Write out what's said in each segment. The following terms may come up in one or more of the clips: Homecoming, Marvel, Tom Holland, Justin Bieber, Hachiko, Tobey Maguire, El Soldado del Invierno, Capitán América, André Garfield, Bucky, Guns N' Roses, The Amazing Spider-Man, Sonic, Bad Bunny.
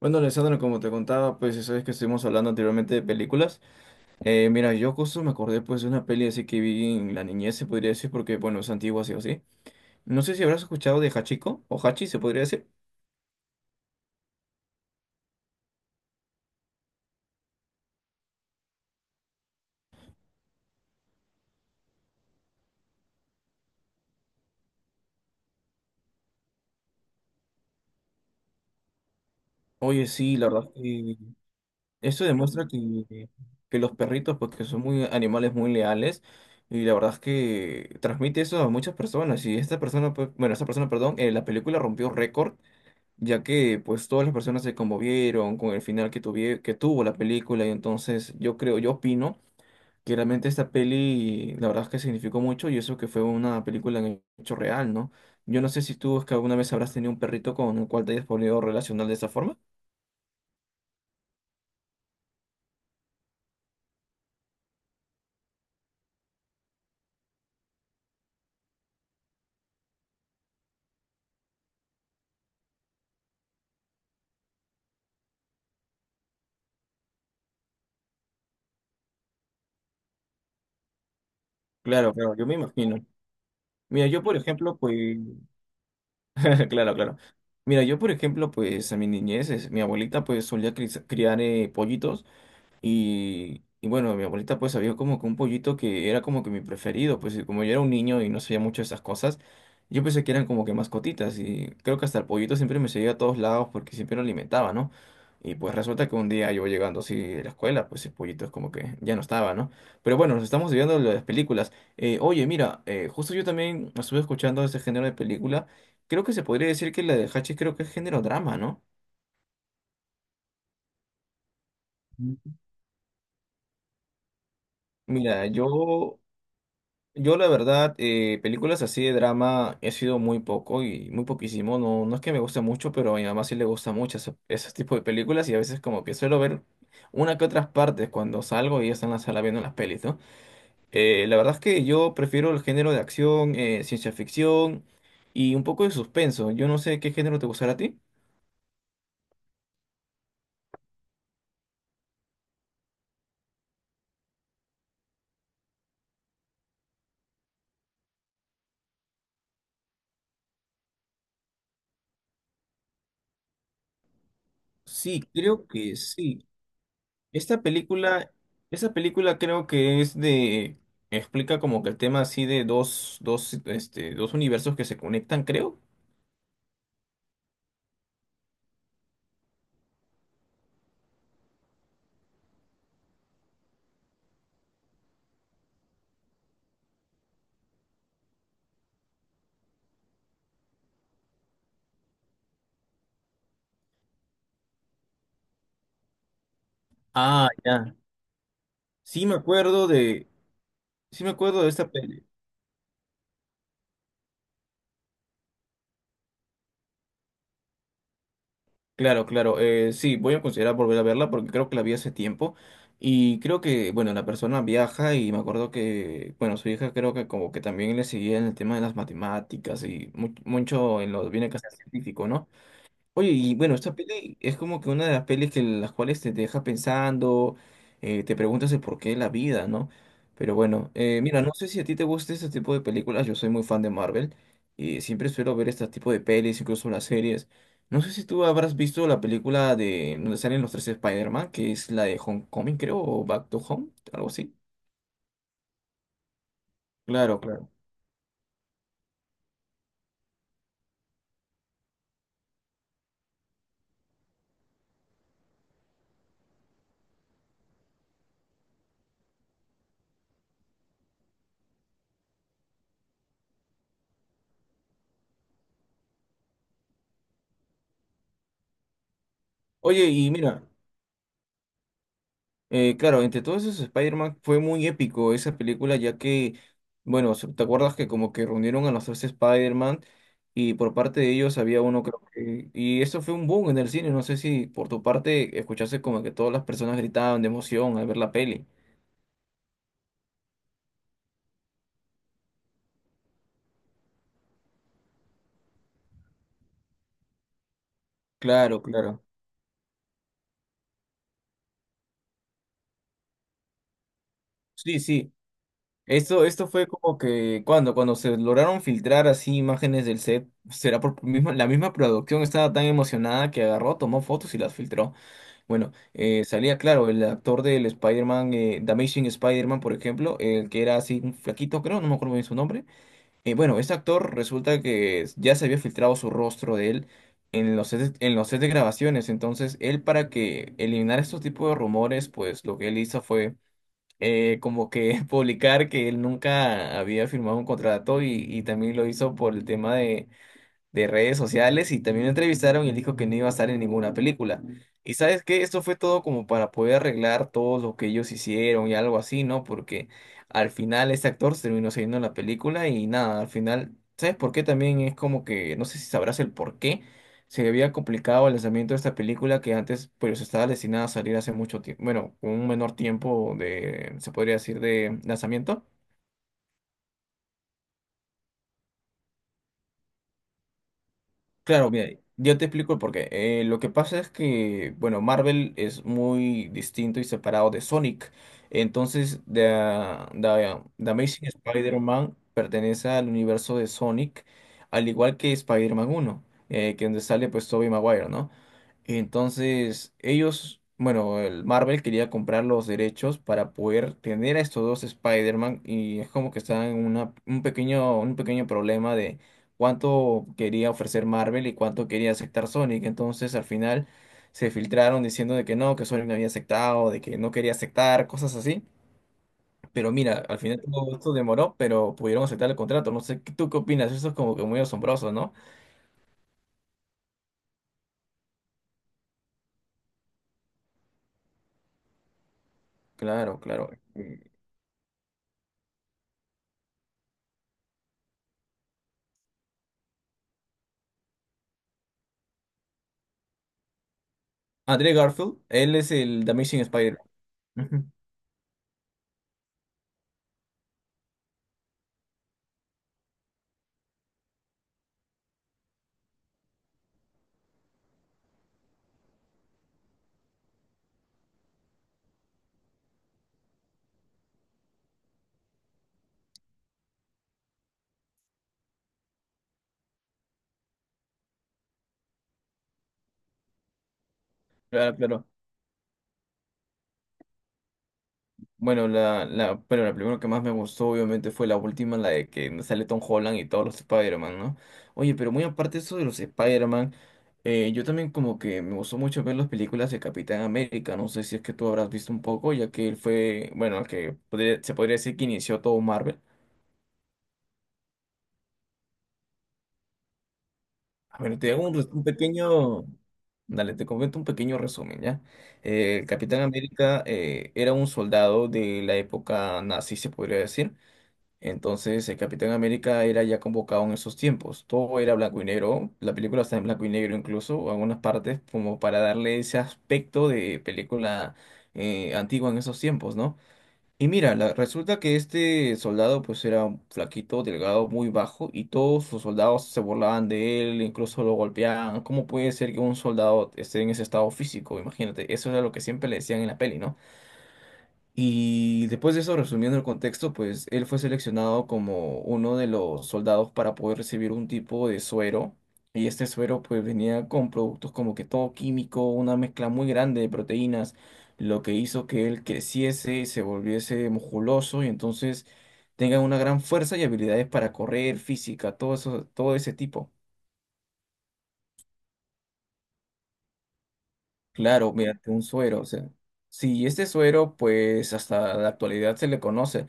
Bueno, Alessandro, como te contaba, pues sabes que estuvimos hablando anteriormente de películas. Mira, yo justo me acordé pues de una peli así que vi en la niñez, se podría decir, porque bueno, es antigua así o así. No sé si habrás escuchado de Hachiko o Hachi, se podría decir. Oye, sí, la verdad que esto demuestra que los perritos, pues que son muy animales muy leales, y la verdad es que transmite eso a muchas personas. Y esta persona, pues, bueno, esta persona, perdón, la película rompió récord ya que pues todas las personas se conmovieron con el final que tuvo la película y entonces yo creo, yo opino que realmente esta peli la verdad es que significó mucho y eso que fue una película en hecho real, ¿no? Yo no sé si tú es que alguna vez habrás tenido un perrito con el cual te hayas podido relacionar de esa forma. Claro, claro, yo me imagino. Mira, yo por ejemplo, pues, claro, claro. Mira, yo por ejemplo, pues a mi niñez, mi abuelita pues solía criar pollitos. Y bueno, mi abuelita pues había como que un pollito que era como que mi preferido, pues y como yo era un niño y no sabía mucho de esas cosas, yo pensé que eran como que mascotitas y creo que hasta el pollito siempre me seguía a todos lados porque siempre lo alimentaba, ¿no? Y pues resulta que un día yo llegando así de la escuela, pues el pollito es como que ya no estaba, ¿no? Pero bueno, nos estamos viendo lo de las películas. Oye, mira, justo yo también estuve escuchando ese género de película. Creo que se podría decir que la de Hachis creo que es género drama, ¿no? Mira, yo la verdad, películas así de drama he sido muy poco y muy poquísimo. No, no es que me guste mucho, pero a mi mamá sí le gusta mucho ese tipo de películas y a veces como que suelo ver una que otras partes cuando salgo y ella está en la sala viendo las pelis, ¿no? La verdad es que yo prefiero el género de acción, ciencia ficción y un poco de suspenso. Yo no sé qué género te gustará a ti. Sí, creo que sí. Esta película, esta película creo que es de, explica como que el tema así de dos universos que se conectan, creo. Ah, ya. Sí me acuerdo de, sí me acuerdo de esta peli. Claro, claro. Sí, voy a considerar volver a verla porque creo que la vi hace tiempo. Y creo que, bueno, la persona viaja y me acuerdo que, bueno, su hija creo que como que también le seguía en el tema de las matemáticas y mucho en lo viene que ser científico, ¿no? Oye, y bueno, esta peli es como que una de las pelis que las cuales te deja pensando, te preguntas el porqué de la vida, ¿no? Pero bueno, mira, no sé si a ti te gusta este tipo de películas, yo soy muy fan de Marvel y siempre suelo ver este tipo de pelis, incluso las series. No sé si tú habrás visto la película de donde salen los tres Spider-Man, que es la de Homecoming, creo, o Back to Home, algo así. Claro, claro. Oye, y mira. Claro, entre todos esos Spider-Man fue muy épico esa película, ya que, bueno, ¿te acuerdas que como que reunieron a los tres Spider-Man y por parte de ellos había uno, creo que. Y eso fue un boom en el cine, no sé si por tu parte escuchaste como que todas las personas gritaban de emoción al ver la peli. Claro, claro. Sí, sí. Esto fue como que cuando se lograron filtrar así imágenes del set, será por misma, la misma producción estaba tan emocionada que agarró, tomó fotos y las filtró. Bueno, salía claro, el actor del Spider-Man, The Amazing Spider-Man, por ejemplo, el que era así un flaquito, creo, no me acuerdo bien su nombre. Bueno, este actor resulta que ya se había filtrado su rostro de él en los sets de grabaciones. Entonces, él para que eliminara estos tipos de rumores, pues lo que él hizo fue como que publicar que él nunca había firmado un contrato y también lo hizo por el tema de redes sociales y también lo entrevistaron y él dijo que no iba a estar en ninguna película. Y sabes qué, esto fue todo como para poder arreglar todo lo que ellos hicieron y algo así, ¿no? Porque al final este actor se terminó saliendo en la película y nada, al final, ¿sabes por qué? También es como que, no sé si sabrás el por qué. Se había complicado el lanzamiento de esta película que antes pues estaba destinada a salir hace mucho tiempo, bueno, con un menor tiempo de, se podría decir, de lanzamiento. Claro, mira, yo te explico el porqué. Lo que pasa es que, bueno, Marvel es muy distinto y separado de Sonic. Entonces, The Amazing Spider-Man pertenece al universo de Sonic, al igual que Spider-Man 1, que donde sale pues Tobey Maguire, ¿no? Entonces, ellos, bueno, el Marvel quería comprar los derechos para poder tener a estos dos Spider-Man y es como que estaban en un pequeño problema de cuánto quería ofrecer Marvel y cuánto quería aceptar Sonic. Entonces, al final se filtraron diciendo de que no, que Sonic no había aceptado, de que no quería aceptar, cosas así. Pero mira, al final todo esto demoró, pero pudieron aceptar el contrato. No sé, ¿tú qué opinas? Eso es como que muy asombroso, ¿no? Claro, claro. André Garfield, él es el The Amazing Spider-Man. Ujú, claro, claro. Bueno, pero la primera que más me gustó, obviamente, fue la última, la de que sale Tom Holland y todos los Spider-Man, ¿no? Oye, pero muy aparte de eso de los Spider-Man, yo también como que me gustó mucho ver las películas de Capitán América. No sé si es que tú habrás visto un poco, ya que él fue, bueno, el que se podría decir que inició todo Marvel. A ver, te hago un pequeño. Dale, te comento un pequeño resumen, ¿ya? El Capitán América era un soldado de la época nazi, se podría decir. Entonces, el Capitán América era ya convocado en esos tiempos. Todo era blanco y negro. La película está en blanco y negro incluso, algunas partes, como para darle ese aspecto de película antigua en esos tiempos, ¿no? Y mira, resulta que este soldado pues era un flaquito, delgado, muy bajo, y todos sus soldados se burlaban de él, incluso lo golpeaban. ¿Cómo puede ser que un soldado esté en ese estado físico? Imagínate, eso era lo que siempre le decían en la peli, ¿no? Y después de eso, resumiendo el contexto, pues él fue seleccionado como uno de los soldados para poder recibir un tipo de suero. Y este suero pues venía con productos como que todo químico, una mezcla muy grande de proteínas, lo que hizo que él creciese y se volviese musculoso y entonces tenga una gran fuerza y habilidades para correr, física, todo eso, todo ese tipo. Claro, mediante un suero, o sea. Sí, este suero, pues hasta la actualidad se le conoce.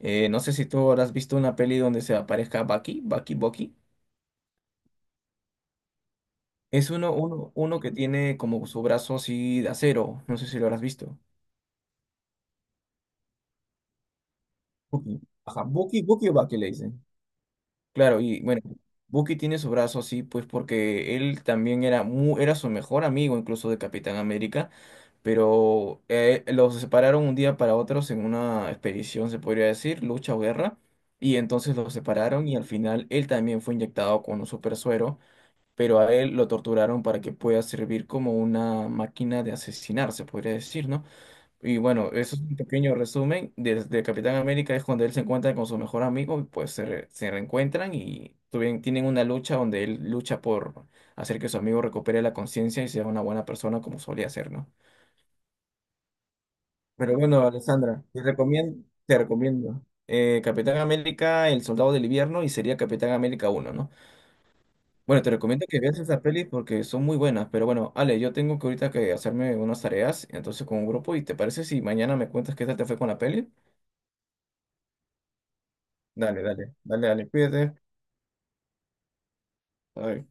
No sé si tú habrás visto una peli donde se aparezca Bucky, Bucky, Bucky. Es uno que tiene como su brazo así de acero. No sé si lo habrás visto. Bucky. Ajá, Bucky, Bucky o Bucky le dicen. Claro, y bueno, Bucky tiene su brazo así, pues porque él también era su mejor amigo, incluso de Capitán América. Pero los separaron un día para otros en una expedición, se podría decir, lucha o guerra, y entonces los separaron y al final él también fue inyectado con un super suero, pero a él lo torturaron para que pueda servir como una máquina de asesinar, se podría decir, ¿no? Y bueno, eso es un pequeño resumen. Desde Capitán América es cuando él se encuentra con su mejor amigo, y pues se reencuentran y tienen una lucha donde él lucha por hacer que su amigo recupere la conciencia y sea una buena persona como solía ser, ¿no? Pero bueno, Alessandra, te recomiendo Capitán América, El Soldado del Invierno y sería Capitán América uno, ¿no? Bueno, te recomiendo que veas esas pelis porque son muy buenas, pero bueno, Ale, yo tengo que ahorita que hacerme unas tareas, entonces con un grupo, ¿y te parece si mañana me cuentas qué tal te fue con la peli? Dale, dale, dale, dale, cuídate. Bye.